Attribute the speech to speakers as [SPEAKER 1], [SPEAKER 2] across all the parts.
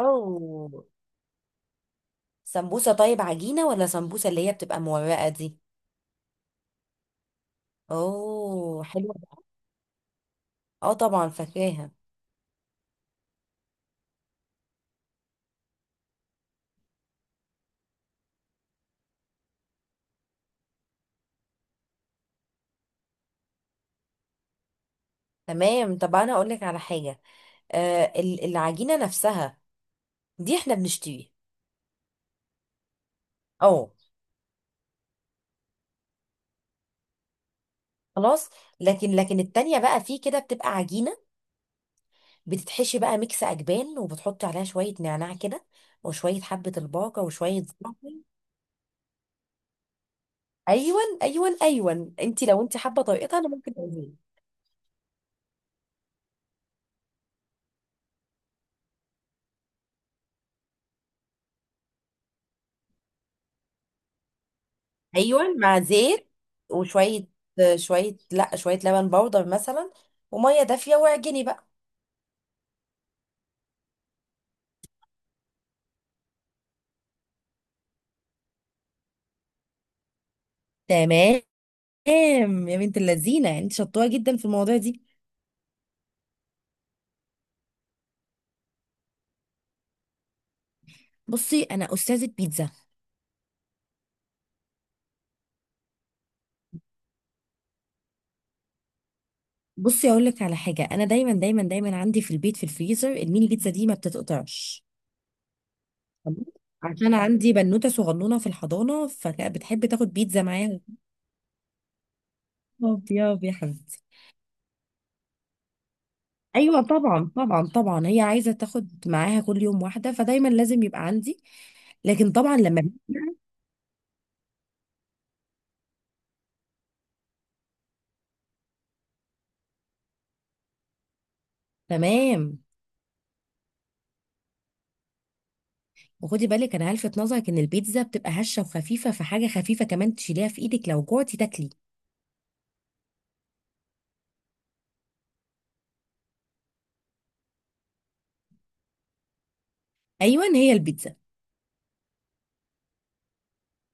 [SPEAKER 1] اوه. سمبوسه طيب عجينه ولا سمبوسه اللي هي بتبقى مورقه دي؟ اوه حلوه. اه طبعا فاكراها. تمام، طب انا اقول لك على حاجه. العجينه نفسها دي احنا بنشتريها. اه خلاص. لكن التانية بقى في كده بتبقى عجينة، بتتحشي بقى ميكس أجبان، وبتحطي عليها شوية نعناع كده، وشوية حبة الباقة، وشوية زعتر. أيون أيون أيون، أنت لو أنت حابة طريقتها أنا ممكن أقولها. ايوه مع زيت. وشويه، شويه لا، شويه لبن بودر مثلا، وميه دافيه واعجني بقى. تمام. يا بنت اللذينه انت شطوره جدا في المواضيع دي. بصي انا استاذه بيتزا. بصي اقول لك على حاجه، انا دايما دايما دايما عندي في البيت في الفريزر الميني بيتزا دي ما بتتقطعش. تمام؟ عشان عارفه عندي بنوته صغنونه في الحضانه، فكانت بتحب تاخد بيتزا معاها. يا حبيبتي. ايوه طبعا طبعا طبعا، هي عايزه تاخد معاها كل يوم واحده، فدايما لازم يبقى عندي. لكن طبعا لما بيبقى-. تمام. وخدي بالك انا هلفت نظرك ان البيتزا بتبقى هشه وخفيفه، فحاجه خفيفه كمان تشيليها في ايدك لو جوعتي تاكلي. ايوه هي البيتزا.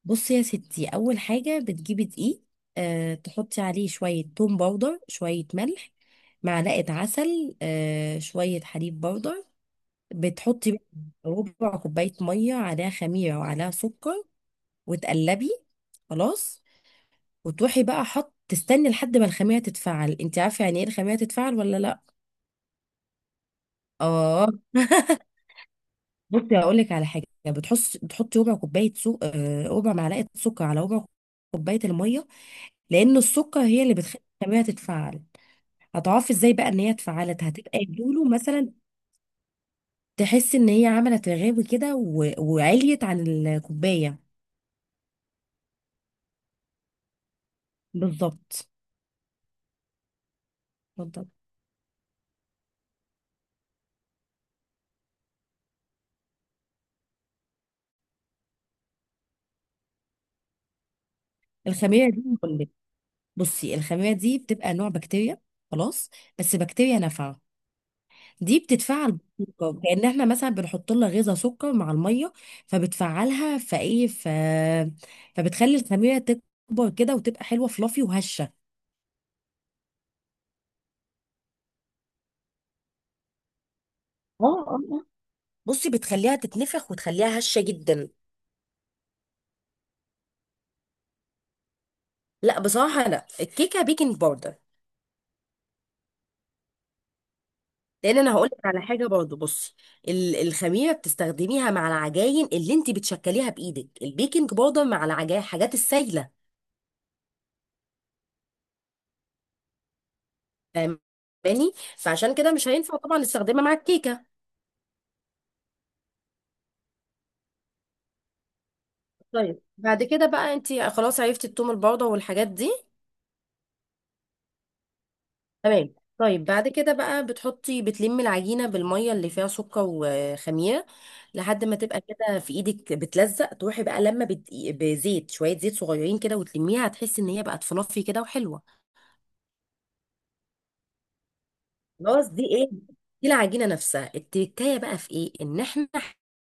[SPEAKER 1] بصي يا ستي، اول حاجه بتجيبي دقيق، تحطي عليه شويه توم باودر، شويه ملح، معلقه عسل، شويه حليب باودر. بتحطي ربع كوبايه ميه، عليها خميره وعليها سكر، وتقلبي. خلاص. وتروحي بقى حط تستني لحد ما الخميره تتفعل. انت عارفه يعني ايه الخميره تتفعل ولا لا؟ اه. بصي هقول لك على حاجه، بتحطي ربع كوبايه سو... آه، ربع معلقه سكر على ربع كوبايه الميه. لان السكر هي اللي بتخلي الخميره تتفعل. هتعرفي ازاي بقى ان هي اتفعلت؟ هتبقى يدوله مثلا، تحسي ان هي عملت رغاوي كده وعليت عن الكوبايه. بالظبط بالظبط. الخميره دي بقول لك، بصي الخميره دي بتبقى نوع بكتيريا، خلاص، بس بكتيريا نافعه. دي بتتفعل بالسكر، كأن احنا مثلا بنحط لها غيزة سكر مع المية، فبتفعلها فبتخلي الخميرة تكبر كده وتبقى حلوة فلافي وهشة. اه اه. آه، بصي بتخليها تتنفخ وتخليها هشة جدا. لا بصراحة لا، الكيكة بيكنج باودر. لان انا هقول لك على حاجة برضو، بصي الخميرة بتستخدميها مع العجاين اللي انت بتشكليها بايدك، البيكنج باودر مع العجاين حاجات السايلة. فاهماني؟ فعشان كده مش هينفع طبعا نستخدمها مع الكيكة. طيب بعد كده بقى انت خلاص عرفتي التوم البودرة والحاجات دي. تمام، طيب بعد كده بقى بتحطي، بتلمي العجينة بالمية اللي فيها سكر وخميرة، لحد ما تبقى كده في ايدك بتلزق، تروحي بقى لما بزيت شوية زيت صغيرين كده وتلميها، هتحسي ان هي بقت فluffy كده وحلوة. خلاص. دي ايه؟ دي العجينة نفسها التركاية. بقى في ايه ان احنا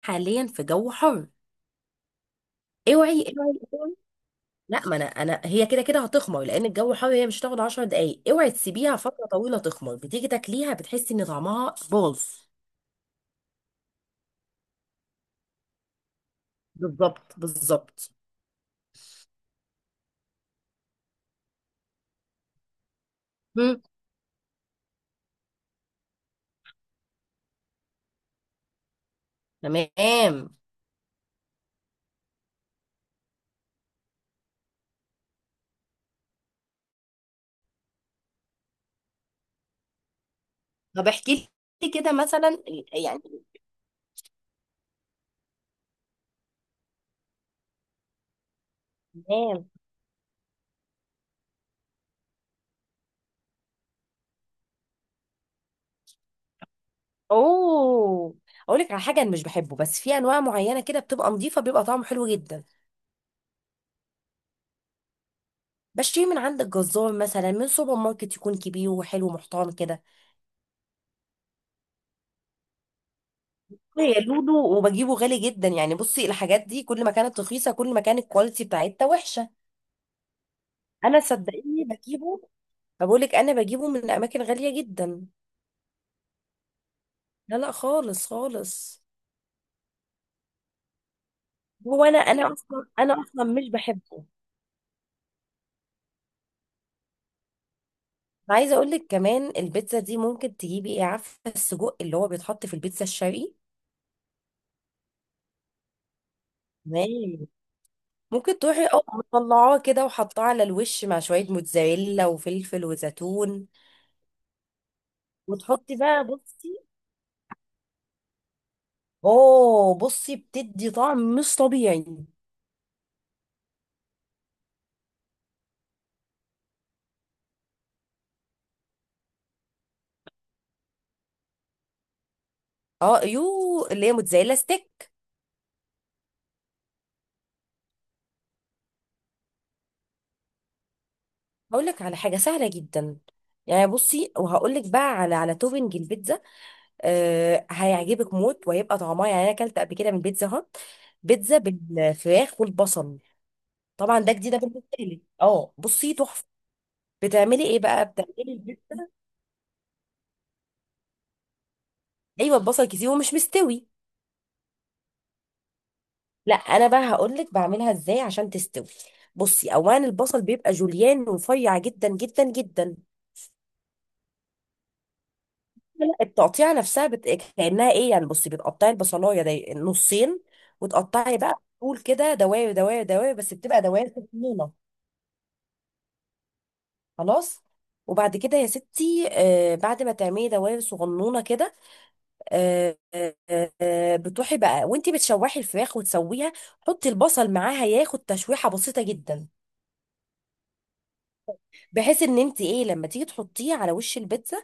[SPEAKER 1] حاليا في جو حر؟ اوعي اوعي. لا، ما انا هي كده كده هتخمر لان الجو حار، هي مش هتاخد 10 دقايق. اوعي تسيبيها فتره طويله تخمر، بتيجي تاكليها بتحسي ان طعمها باظ. بالظبط بالظبط. مم. تمام. طب احكي لي كده مثلا يعني. تمام. اوه، اقول لك على حاجه، انا مش بحبه، بس في انواع معينه كده بتبقى نظيفه بيبقى طعمه حلو جدا. بشتري من عند الجزار مثلا، من سوبر ماركت يكون كبير وحلو محترم كده. هي لودو. وبجيبه غالي جدا يعني. بصي الحاجات دي كل ما كانت رخيصه كل ما كانت الكواليتي بتاعتها وحشه. انا صدقيني بجيبه، بقول لك انا بجيبه من اماكن غاليه جدا. لا لا خالص خالص. هو انا اصلا مش بحبه. أنا عايزه اقول لك كمان، البيتزا دي ممكن تجيبي ايه، عارفه السجق اللي هو بيتحط في البيتزا الشرقي. تمام، ممكن تروحي اه مطلعاه كده وحطاه على الوش مع شويه موتزاريلا وفلفل وزيتون. وتحطي بقى بصي. اوه، بصي بتدي طعم مش طبيعي. اه يو، اللي هي موتزاريلا ستيك. هقول لك على حاجه سهله جدا يعني. بصي وهقول لك بقى على توبنج البيتزا، أه هيعجبك موت، وهيبقى طعمها يعني، انا اكلت قبل كده من بيتزا هات، بيتزا بالفراخ والبصل. طبعا ده جديده بالنسبه لي، اه بصي تحفه. بتعملي ايه بقى بتعملي البيتزا؟ ايوه البصل كتير ومش مستوي. لا انا بقى هقول لك بعملها ازاي عشان تستوي. بصي، اولا البصل بيبقى جوليان ورفيع جدا جدا جدا. لا، التقطيعه نفسها كانها ايه يعني، بصي بتقطعي البصلايه دي نصين، وتقطعي بقى طول كده دواير دواير دواير، بس بتبقى دواير صغنونه. خلاص. وبعد كده يا ستي، آه بعد ما تعملي دواير صغنونه كده، آه آه بتروحي بقى وانتي بتشوحي الفراخ وتسويها. حطي البصل معاها ياخد تشويحه بسيطه جدا، بحيث ان انت ايه لما تيجي تحطيه على وش البيتزا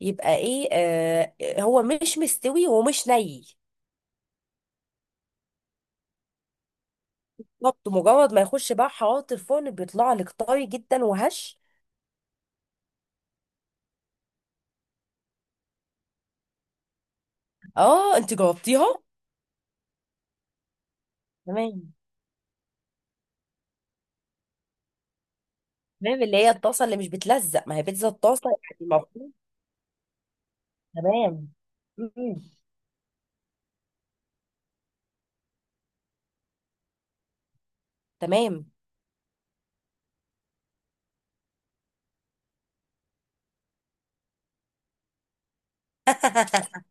[SPEAKER 1] يبقى ايه هو مش مستوي ومش ني. بالظبط، مجرد ما يخش بقى حرارة الفرن بيطلع لك طري جدا وهش. اه انت جربتيها؟ تمام. تمام، اللي هي الطاسة اللي مش بتلزق، ما هي بيتزا الطاسة يعني المفروض. تمام. مم. تمام.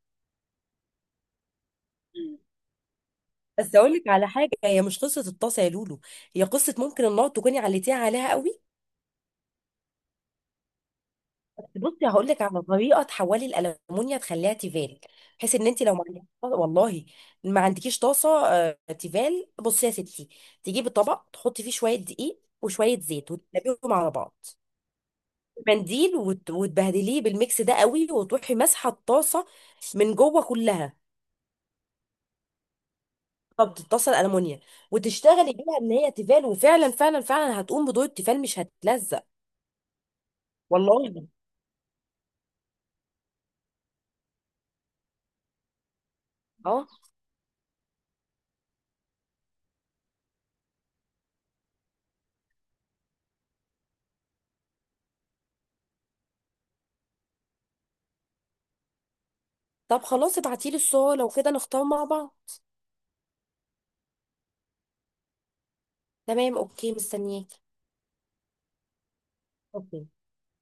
[SPEAKER 1] بس اقول لك على حاجة، هي مش قصة الطاسة يا لولو، هي قصة ممكن النار تكوني عليتيها عليها قوي. بصي هقول لك على طريقه تحولي الالومنيا تخليها تيفال، بحيث ان انت لو ما عندكيش والله، ما عندكيش طاسه تيفال. بصي يا ستي، تجيبي طبق تحطي فيه شويه دقيق وشويه زيت وتقلبيهم على بعض، منديل وتبهدليه بالميكس ده قوي، وتروحي ماسحه الطاسه من جوه كلها. طب الطاسه الالومنيا وتشتغلي بيها ان هي تيفال، وفعلا فعلا فعلا هتقوم بدور التيفال مش هتلزق. والله. اه، طب خلاص ابعتيلي الصور لو كده نختار مع بعض. تمام اوكي، مستنياك. ترجمة نانسي قنقر.